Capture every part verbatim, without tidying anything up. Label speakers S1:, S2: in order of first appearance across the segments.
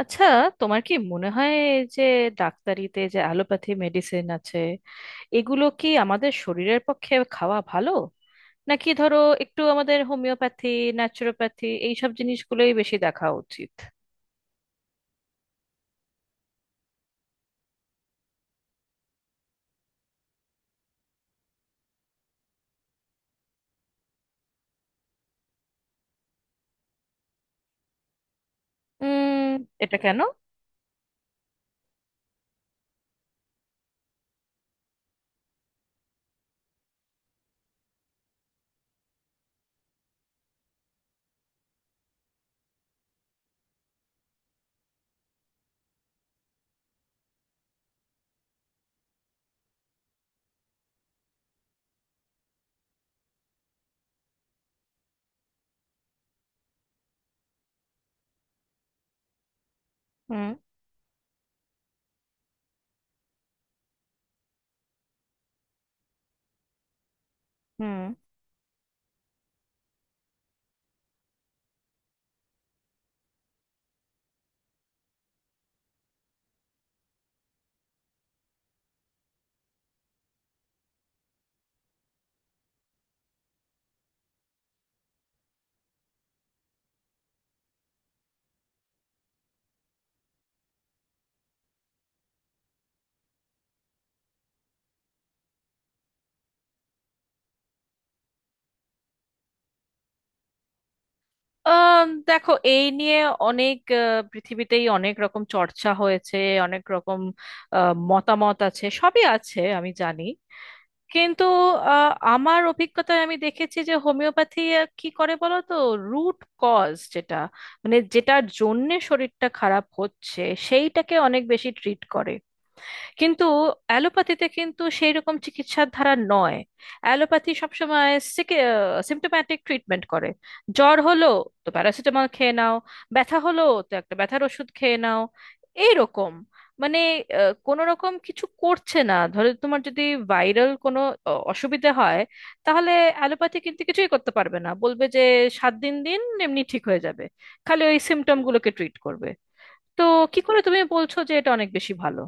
S1: আচ্ছা, তোমার কি মনে হয় যে ডাক্তারিতে যে অ্যালোপ্যাথি মেডিসিন আছে এগুলো কি আমাদের শরীরের পক্ষে খাওয়া ভালো, নাকি ধরো একটু আমাদের হোমিওপ্যাথি, ন্যাচুরোপ্যাথি এইসব জিনিসগুলোই বেশি দেখা উচিত? উম এটা কেন? হুম। হুম। আহ, দেখো, এই নিয়ে অনেক আহ, পৃথিবীতেই অনেক রকম চর্চা হয়েছে, অনেক রকম আহ, মতামত আছে, সবই আছে, আমি জানি। কিন্তু আহ, আমার অভিজ্ঞতায় আমি দেখেছি যে হোমিওপ্যাথি কি করে বলো তো, রুট কজ যেটা, মানে যেটার জন্যে শরীরটা খারাপ হচ্ছে সেইটাকে অনেক বেশি ট্রিট করে। কিন্তু অ্যালোপ্যাথিতে কিন্তু সেই রকম চিকিৎসার ধারা নয়, অ্যালোপ্যাথি সবসময় সিমটোম্যাটিক ট্রিটমেন্ট করে। জ্বর হলো তো প্যারাসিটামল খেয়ে নাও, ব্যথা হলো তো একটা ব্যথার ওষুধ খেয়ে নাও, এইরকম। মানে কোন রকম কিছু করছে না, ধরো তোমার যদি ভাইরাল কোনো অ, অসুবিধা হয়, তাহলে অ্যালোপ্যাথি কিন্তু কিছুই করতে পারবে না, বলবে যে সাত দিন দিন এমনি ঠিক হয়ে যাবে, খালি ওই সিমটম গুলোকে ট্রিট করবে। তো কি করে তুমি বলছো যে এটা অনেক বেশি ভালো?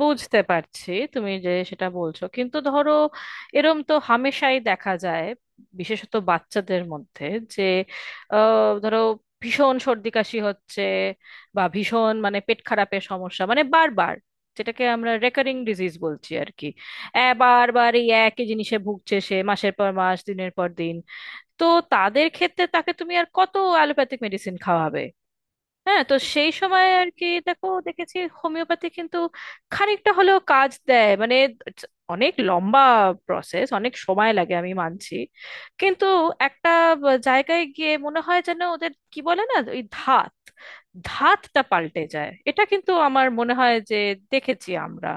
S1: বুঝতে পারছি তুমি যে সেটা বলছো, কিন্তু ধরো, এরম তো হামেশাই দেখা যায়, বিশেষত বাচ্চাদের মধ্যে, যে আহ, ধরো ভীষণ সর্দি কাশি হচ্ছে, বা ভীষণ মানে পেট খারাপের সমস্যা, মানে বারবার, যেটাকে আমরা রেকারিং ডিজিজ বলছি আর কি, এ, বারবার এই একই জিনিসে ভুগছে সে, মাসের পর মাস, দিনের পর দিন। তো তাদের ক্ষেত্রে তাকে তুমি আর কত অ্যালোপ্যাথিক মেডিসিন খাওয়াবে? হ্যাঁ, তো সেই সময় আর কি, দেখো দেখেছি হোমিওপ্যাথি কিন্তু খানিকটা হলেও কাজ দেয়। মানে it's অনেক লম্বা প্রসেস, অনেক সময় লাগে, আমি মানছি, কিন্তু একটা ব- জায়গায় গিয়ে মনে হয় যেন ওদের কি বলে না, ওই ধাত, ধাতটা পাল্টে যায়। এটা কিন্তু আমার মনে হয় যে দেখেছি আমরা।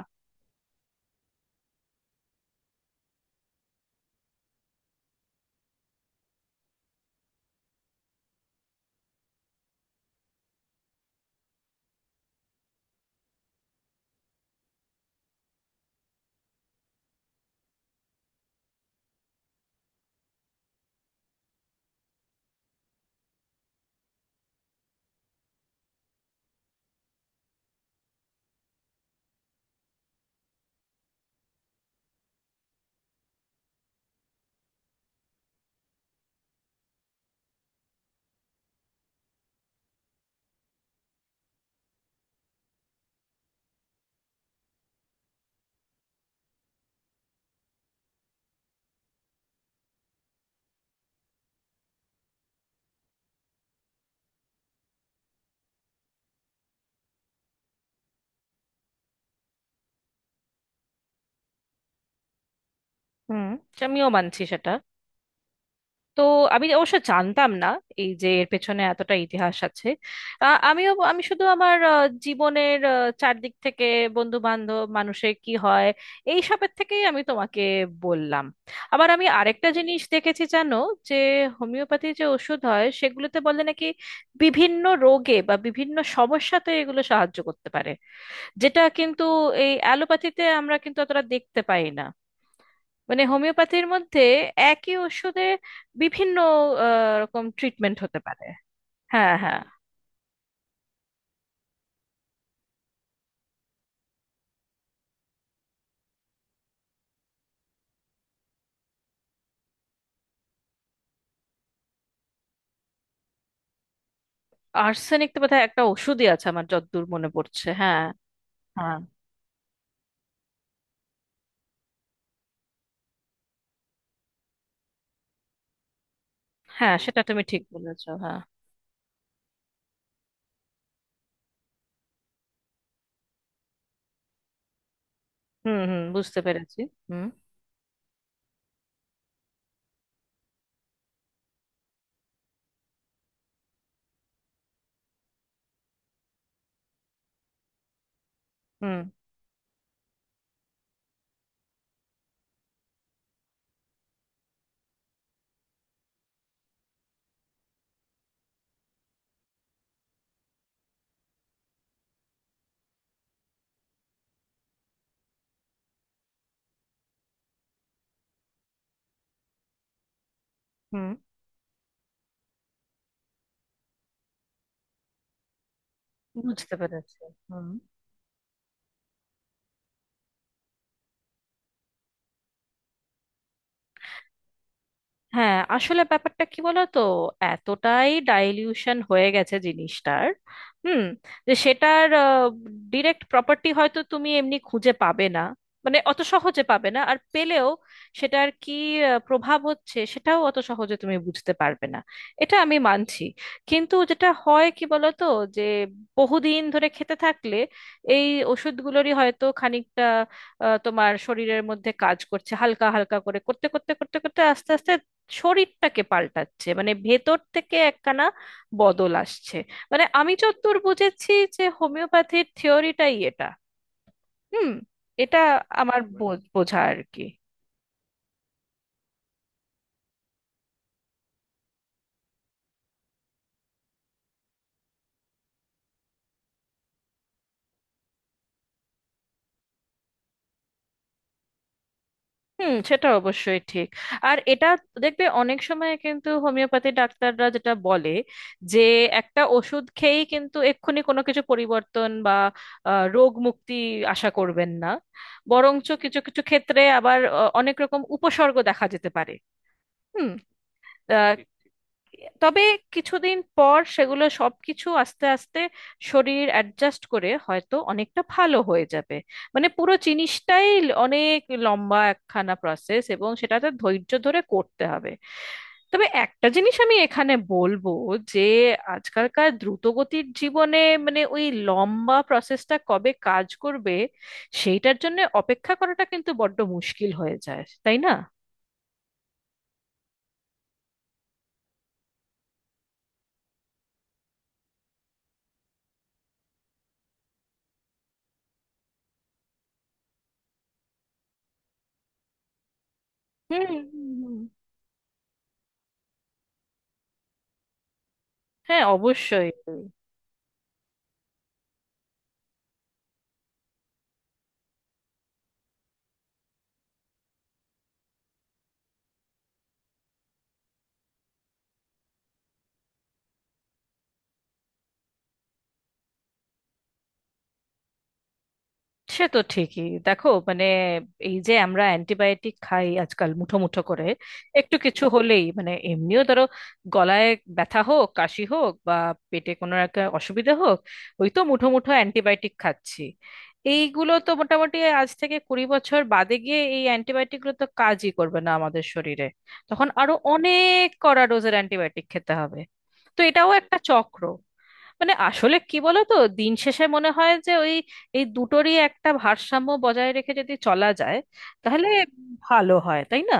S1: হুম, আমিও মানছি সেটা। তো আমি অবশ্য জানতাম না এই যে এর পেছনে এতটা ইতিহাস আছে। আ, আমিও আমি শুধু আমার আ, জীবনের, আ, চারদিক থেকে, বন্ধু বান্ধব মানুষের কি হয়, এই সবের থেকেই আমি তোমাকে বললাম। আবার আমি আরেকটা জিনিস দেখেছি জানো, যে হোমিওপ্যাথি যে ওষুধ হয় সেগুলোতে বলে নাকি বিভিন্ন রোগে বা বিভিন্ন সমস্যাতে এগুলো সাহায্য করতে পারে, যেটা কিন্তু এই অ্যালোপ্যাথিতে আমরা কিন্তু অতটা দেখতে পাই না। মানে হোমিওপ্যাথির মধ্যে একই ওষুধে বিভিন্ন আহ, রকম ট্রিটমেন্ট হতে পারে। হ্যাঁ হ্যাঁ। আর্সেনিক তো বোধহয় একটা ওষুধই আছে আমার যতদূর মনে পড়ছে, হ্যাঁ। হ্যাঁ। হ্যাঁ, সেটা তুমি ঠিক বলেছো, হ্যাঁ। হুম হুম, বুঝতে পেরেছি। হুম। হুম হুম, বুঝতে পেরেছি। হুম। হ্যাঁ আসলে ব্যাপারটা কি বলতো, এতটাই ডাইলিউশন হয়ে গেছে জিনিসটার, হুম, যে সেটার ডিরেক্ট প্রপার্টি হয়তো তুমি এমনি খুঁজে পাবে না, মানে অত সহজে পাবে না। আর পেলেও সেটার কি আহ, প্রভাব হচ্ছে সেটাও অত সহজে তুমি বুঝতে পারবে না, এটা আমি মানছি। কিন্তু যেটা হয় কি বলতো, যে বহুদিন ধরে খেতে থাকলে এই ওষুধগুলোরই হয়তো খানিকটা আহ, তোমার শরীরের মধ্যে কাজ করছে, হালকা হালকা করে, করতে করতে করতে করতে আস্তে আস্তে শরীরটাকে পাল্টাচ্ছে, মানে ভেতর থেকে একখানা বদল আসছে। মানে আমি যতদূর বুঝেছি যে হোমিওপ্যাথির থিওরিটাই এটা। হুম। এটা আমার বো- বোঝা আর কি। হুম, সেটা অবশ্যই ঠিক। আর এটা দেখবে অনেক সময় কিন্তু হোমিওপ্যাথি ডাক্তাররা যেটা বলে, যে একটা ওষুধ খেয়েই কিন্তু এক্ষুনি কোনো কিছু পরিবর্তন বা আহ, রোগ মুক্তি আশা করবেন না, বরঞ্চ কিছু কিছু ক্ষেত্রে আবার আহ, অনেক রকম উপসর্গ দেখা যেতে পারে। হুম। আহ, তবে কিছুদিন পর সেগুলো সবকিছু আস্তে আস্তে শরীর অ্যাডজাস্ট করে হয়তো অনেকটা ভালো হয়ে যাবে। মানে পুরো জিনিসটাই ল- অনেক লম্বা একখানা প্রসেস, এবং সেটাতে ধৈর্য ধরে করতে হবে। তবে একটা জিনিস আমি এখানে বলবো, যে আজকালকার দ্রুতগতির জীবনে, মানে ওই লম্বা প্রসেসটা কবে কাজ করবে সেইটার জন্য অপেক্ষা করাটা কিন্তু বড্ড মুশকিল হয়ে যায়, তাই না? হুম হুম। হুম। হ্যাঁ, অবশ্যই। সে তো ঠিকই, দেখো মানে এই যে আমরা অ্যান্টিবায়োটিক খাই আজকাল মুঠো মুঠো করে, একটু কিছু হলেই, মানে এমনিও ধরো গলায় ব্যথা হোক, কাশি হোক, বা পেটে কোনো একটা অসুবিধা হোক, ওই তো মুঠো মুঠো অ্যান্টিবায়োটিক খাচ্ছি। এইগুলো তো মোটামুটি আজ থেকে কুড়ি বছর বাদে গিয়ে এই অ্যান্টিবায়োটিকগুলো তো কাজই করবে না আমাদের শরীরে, তখন আরো অনেক কড়া ডোজের অ্যান্টিবায়োটিক খেতে হবে। তো এটাও একটা চক্র। মানে আসলে কি বলো তো, দিন শেষে মনে হয় যে ওই এই দুটোরই একটা ভারসাম্য বজায় রেখে যদি চলা যায় তাহলে ভালো হয়, তাই না?